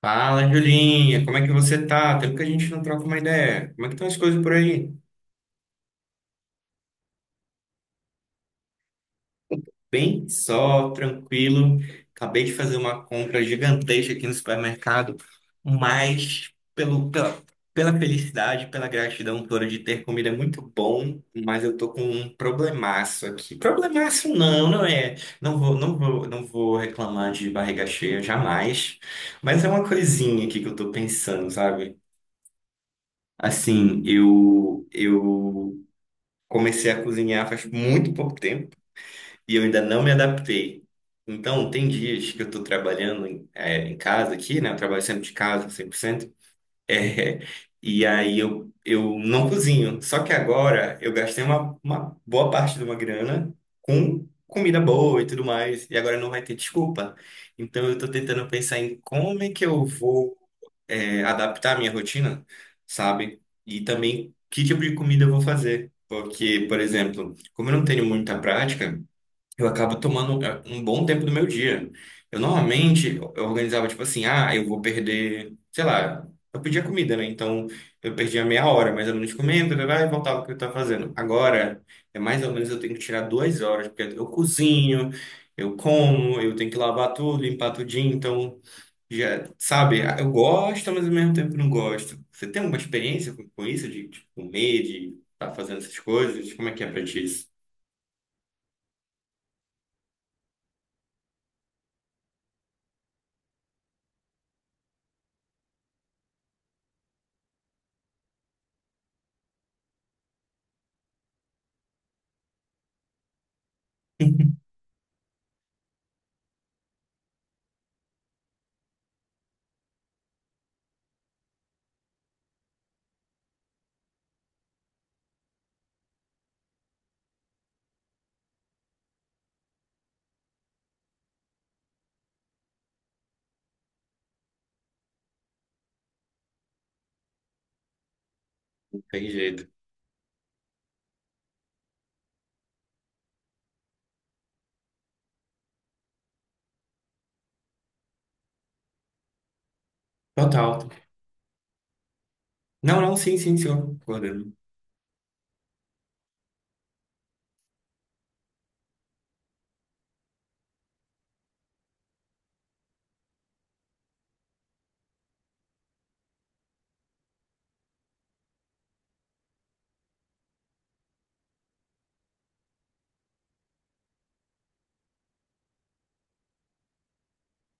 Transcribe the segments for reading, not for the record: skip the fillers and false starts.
Fala, Julinha, como é que você tá? Tempo que a gente não troca uma ideia. Como é que estão as coisas por aí? Bem só, tranquilo. Acabei de fazer uma compra gigantesca aqui no supermercado, mas pela felicidade, pela gratidão toda de ter comida é muito bom, mas eu tô com um problemaço aqui. Problemaço não, não é. Não vou reclamar de barriga cheia jamais, mas é uma coisinha aqui que eu tô pensando, sabe? Assim, eu. Comecei a cozinhar faz muito pouco tempo e eu ainda não me adaptei. Então, tem dias que eu estou trabalhando em casa aqui, né? Eu trabalho sempre de casa, 100%. É, e aí eu não cozinho. Só que agora eu gastei uma boa parte de uma grana com comida boa e tudo mais. E agora não vai ter desculpa. Então, eu estou tentando pensar em como é que eu vou adaptar a minha rotina, sabe? E também que tipo de comida eu vou fazer. Porque, por exemplo, como eu não tenho muita prática, eu acabo tomando um bom tempo do meu dia. Eu normalmente eu organizava tipo assim, ah, eu vou perder, sei lá, eu pedia comida, né? Então eu perdia meia hora, mais ou menos comendo, blá, blá, e voltava pro que eu tava fazendo. Agora, é mais ou menos eu tenho que tirar duas horas, porque eu cozinho, eu como, eu tenho que lavar tudo, limpar tudinho, então. Já, sabe, ah, eu gosto, mas ao mesmo tempo não gosto. Você tem alguma experiência com isso, de comer, de estar fazendo essas coisas? Como é que é pra ti isso? Tem jeito. Total. Não, não, sim, sim, senhor. Concordando.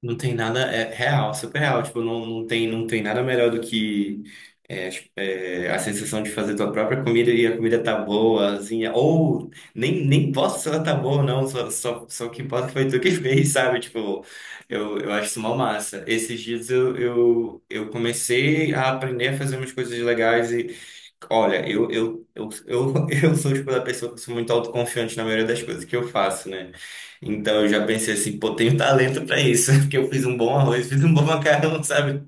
Não tem nada, é real, super real. Tipo, não tem, não tem nada melhor do que a sensação de fazer tua própria comida e a comida tá boa, assim, ou nem posso se ela tá boa ou não, só o que importa foi tu que fez, sabe? Tipo, eu acho isso mó massa. Esses dias eu comecei a aprender a fazer umas coisas legais e, olha, eu sou, tipo, da pessoa que sou muito autoconfiante na maioria das coisas que eu faço, né? Então eu já pensei assim, pô, tenho talento para isso, porque eu fiz um bom arroz, fiz um bom macarrão, sabe?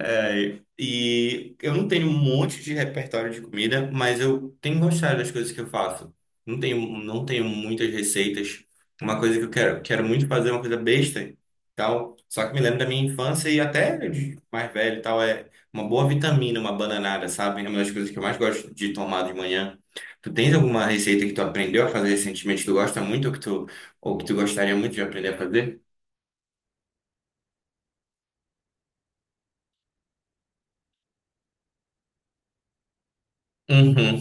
É, e eu não tenho um monte de repertório de comida, mas eu tenho gostado das coisas que eu faço. Não tenho muitas receitas. Uma coisa que quero muito fazer é uma coisa besta, e tal. Só que me lembro da minha infância e até de mais velho, e tal, é uma boa vitamina, uma bananada, sabe? É uma das coisas que eu mais gosto de tomar de manhã. Tu tens alguma receita que tu aprendeu a fazer recentemente, que tu gosta muito ou ou que tu gostaria muito de aprender a fazer? Uhum.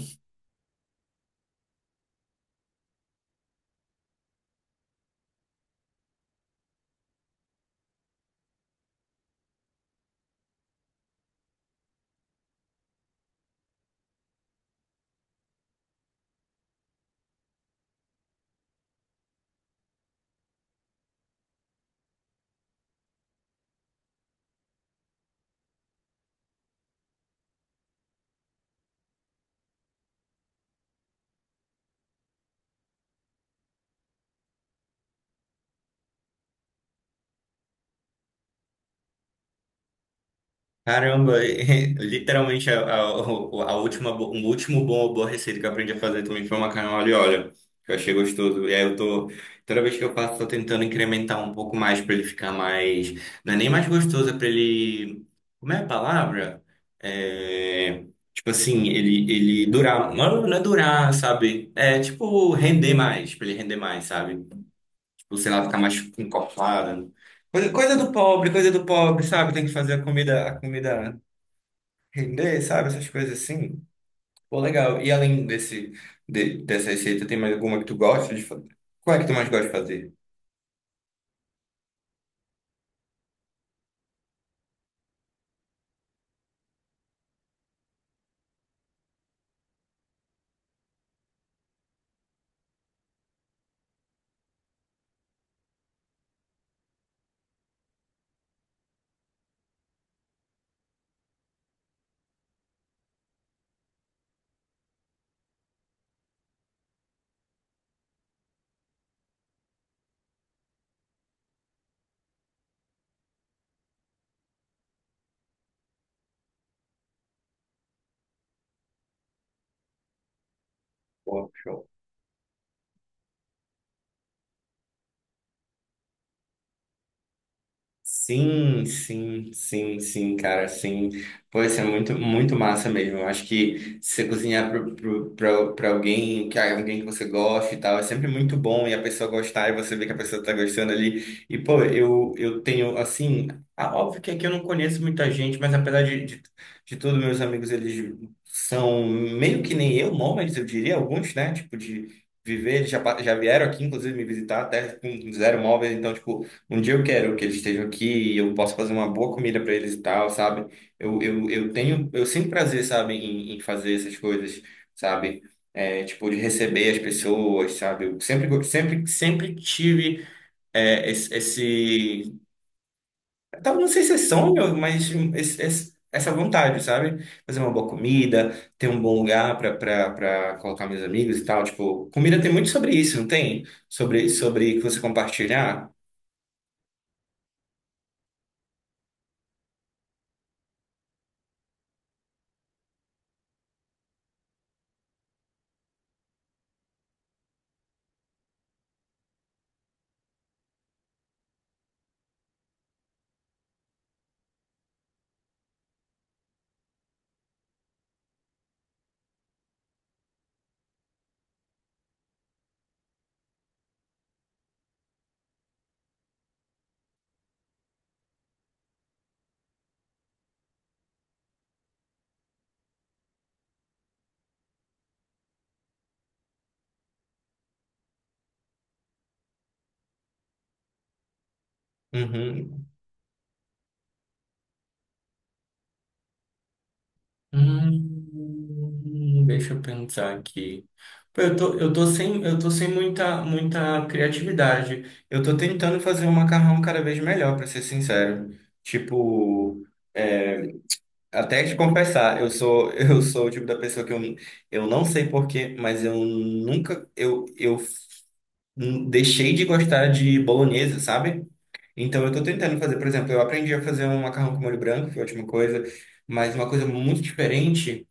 Caramba, literalmente a última, o último bom ou boa receita que eu aprendi a fazer também foi macarrão ali, olha, que eu achei gostoso. E aí eu tô, toda vez que eu faço, tô tentando incrementar um pouco mais pra ele ficar mais, não é nem mais gostoso, é pra ele, como é a palavra? É, tipo assim, ele, ele durar, não, não é durar, sabe? É tipo render mais, pra ele render mais, sabe? Tipo, sei lá, ficar mais encorpada. Coisa do pobre, coisa do pobre, sabe? Tem que fazer a comida. Render, sabe? Essas coisas assim. Pô, legal. E além desse, dessa receita, tem mais alguma que tu gosta de fazer? Qual é que tu mais gosta de fazer? Pô, show. Sim, sim, sim, sim, cara, sim. Pô, isso é muito, muito massa mesmo. Eu acho que se você cozinhar para alguém que você gosta e tal, é sempre muito bom e a pessoa gostar e você vê que a pessoa tá gostando ali. E, pô, eu tenho, assim, ah, óbvio que aqui eu não conheço muita gente, mas apesar de tudo, meus amigos, eles são meio que nem eu, nômades, eu diria, alguns, né? Tipo, de viver, eles já, já vieram aqui, inclusive, me visitar até com zero móveis, então, tipo, um dia eu quero que eles estejam aqui e eu possa fazer uma boa comida para eles e tal, sabe? Eu tenho, eu sinto prazer, sabe, em, em fazer essas coisas, sabe? É, tipo, de receber as pessoas, sabe? Eu sempre, sempre tive esse, talvez não sei se é sonho, mas essa vontade, sabe? Fazer uma boa comida, ter um bom lugar para colocar meus amigos e tal. Tipo, comida tem muito sobre isso, não tem? Sobre que você compartilhar. Uhum. Deixa eu pensar aqui. Pô, eu tô sem muita, muita criatividade. Eu tô tentando fazer um macarrão cada vez melhor, pra ser sincero. Tipo, é, até te confessar, eu sou, eu sou o tipo da pessoa que eu não sei porquê, mas eu nunca, eu deixei de gostar de bolonhesa, sabe? Então, eu tô tentando fazer, por exemplo, eu aprendi a fazer um macarrão com molho branco, que é a última coisa, mas uma coisa muito diferente.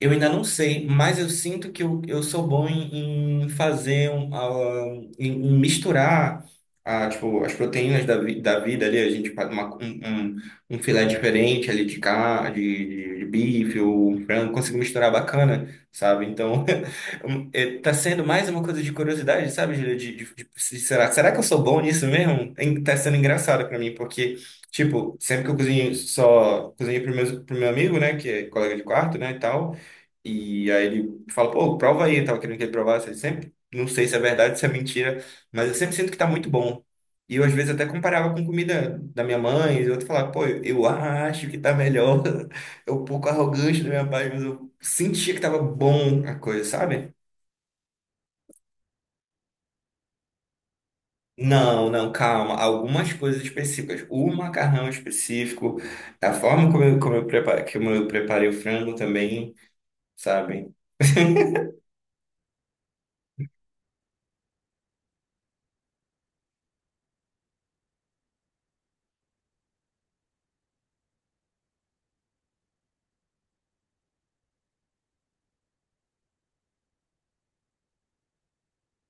Eu ainda não sei, mas eu sinto que eu sou bom em fazer um, ah, em misturar ah, tipo, as proteínas da vida ali, a gente faz um, um, um filé diferente ali de carne, de bife ou um frango, consigo misturar bacana, sabe? Então, um, é, tá sendo mais uma coisa de curiosidade, sabe, Júlia? Será que eu sou bom nisso mesmo? Tá sendo engraçado pra mim, porque, tipo, sempre que eu cozinho, só cozinho pro meu amigo, né, que é colega de quarto, né, e tal. E aí ele fala, pô, prova aí, eu tava querendo que ele provasse. Ele sempre, não sei se é verdade, se é mentira, mas eu sempre sinto que tá muito bom. E eu, às vezes, até comparava com comida da minha mãe, e eu outro falava, pô, eu acho que tá melhor. É um pouco arrogante da minha parte, mas eu sentia que tava bom a coisa, sabe? Não, não, calma. Algumas coisas específicas. O macarrão específico, a forma como como eu preparo, que eu preparei o frango também, sabe?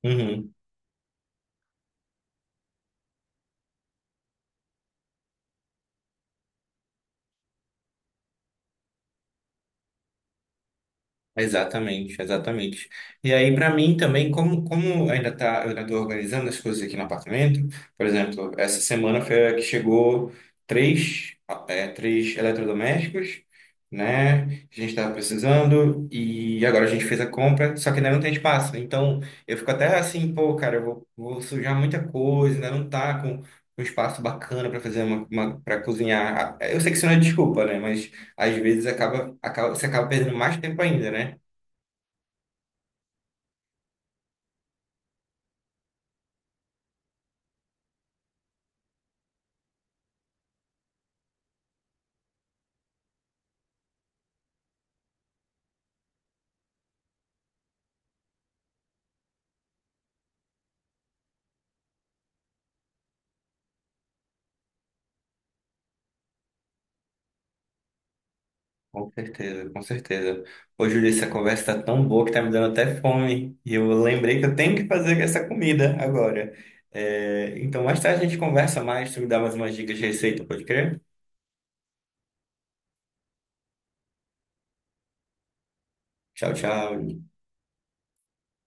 Uhum. Exatamente, exatamente. E aí, para mim também, como ainda tá, eu ainda estou organizando as coisas aqui no apartamento, por exemplo, essa semana foi a que chegou três, três eletrodomésticos, né? A gente estava precisando e agora a gente fez a compra, só que ainda não tem espaço. Então, eu fico até assim, pô, cara, vou sujar muita coisa, ainda não tá com um espaço bacana para fazer uma para cozinhar. Eu sei que isso não é desculpa, né? Às vezes você acaba perdendo mais tempo ainda, né? Com certeza, com certeza. Ô, Júlio, essa conversa tá tão boa que tá me dando até fome. E eu lembrei que eu tenho que fazer essa comida agora. É, então, mais tarde a gente conversa mais, tu me dá mais umas dicas de receita, pode crer? Tchau, tchau.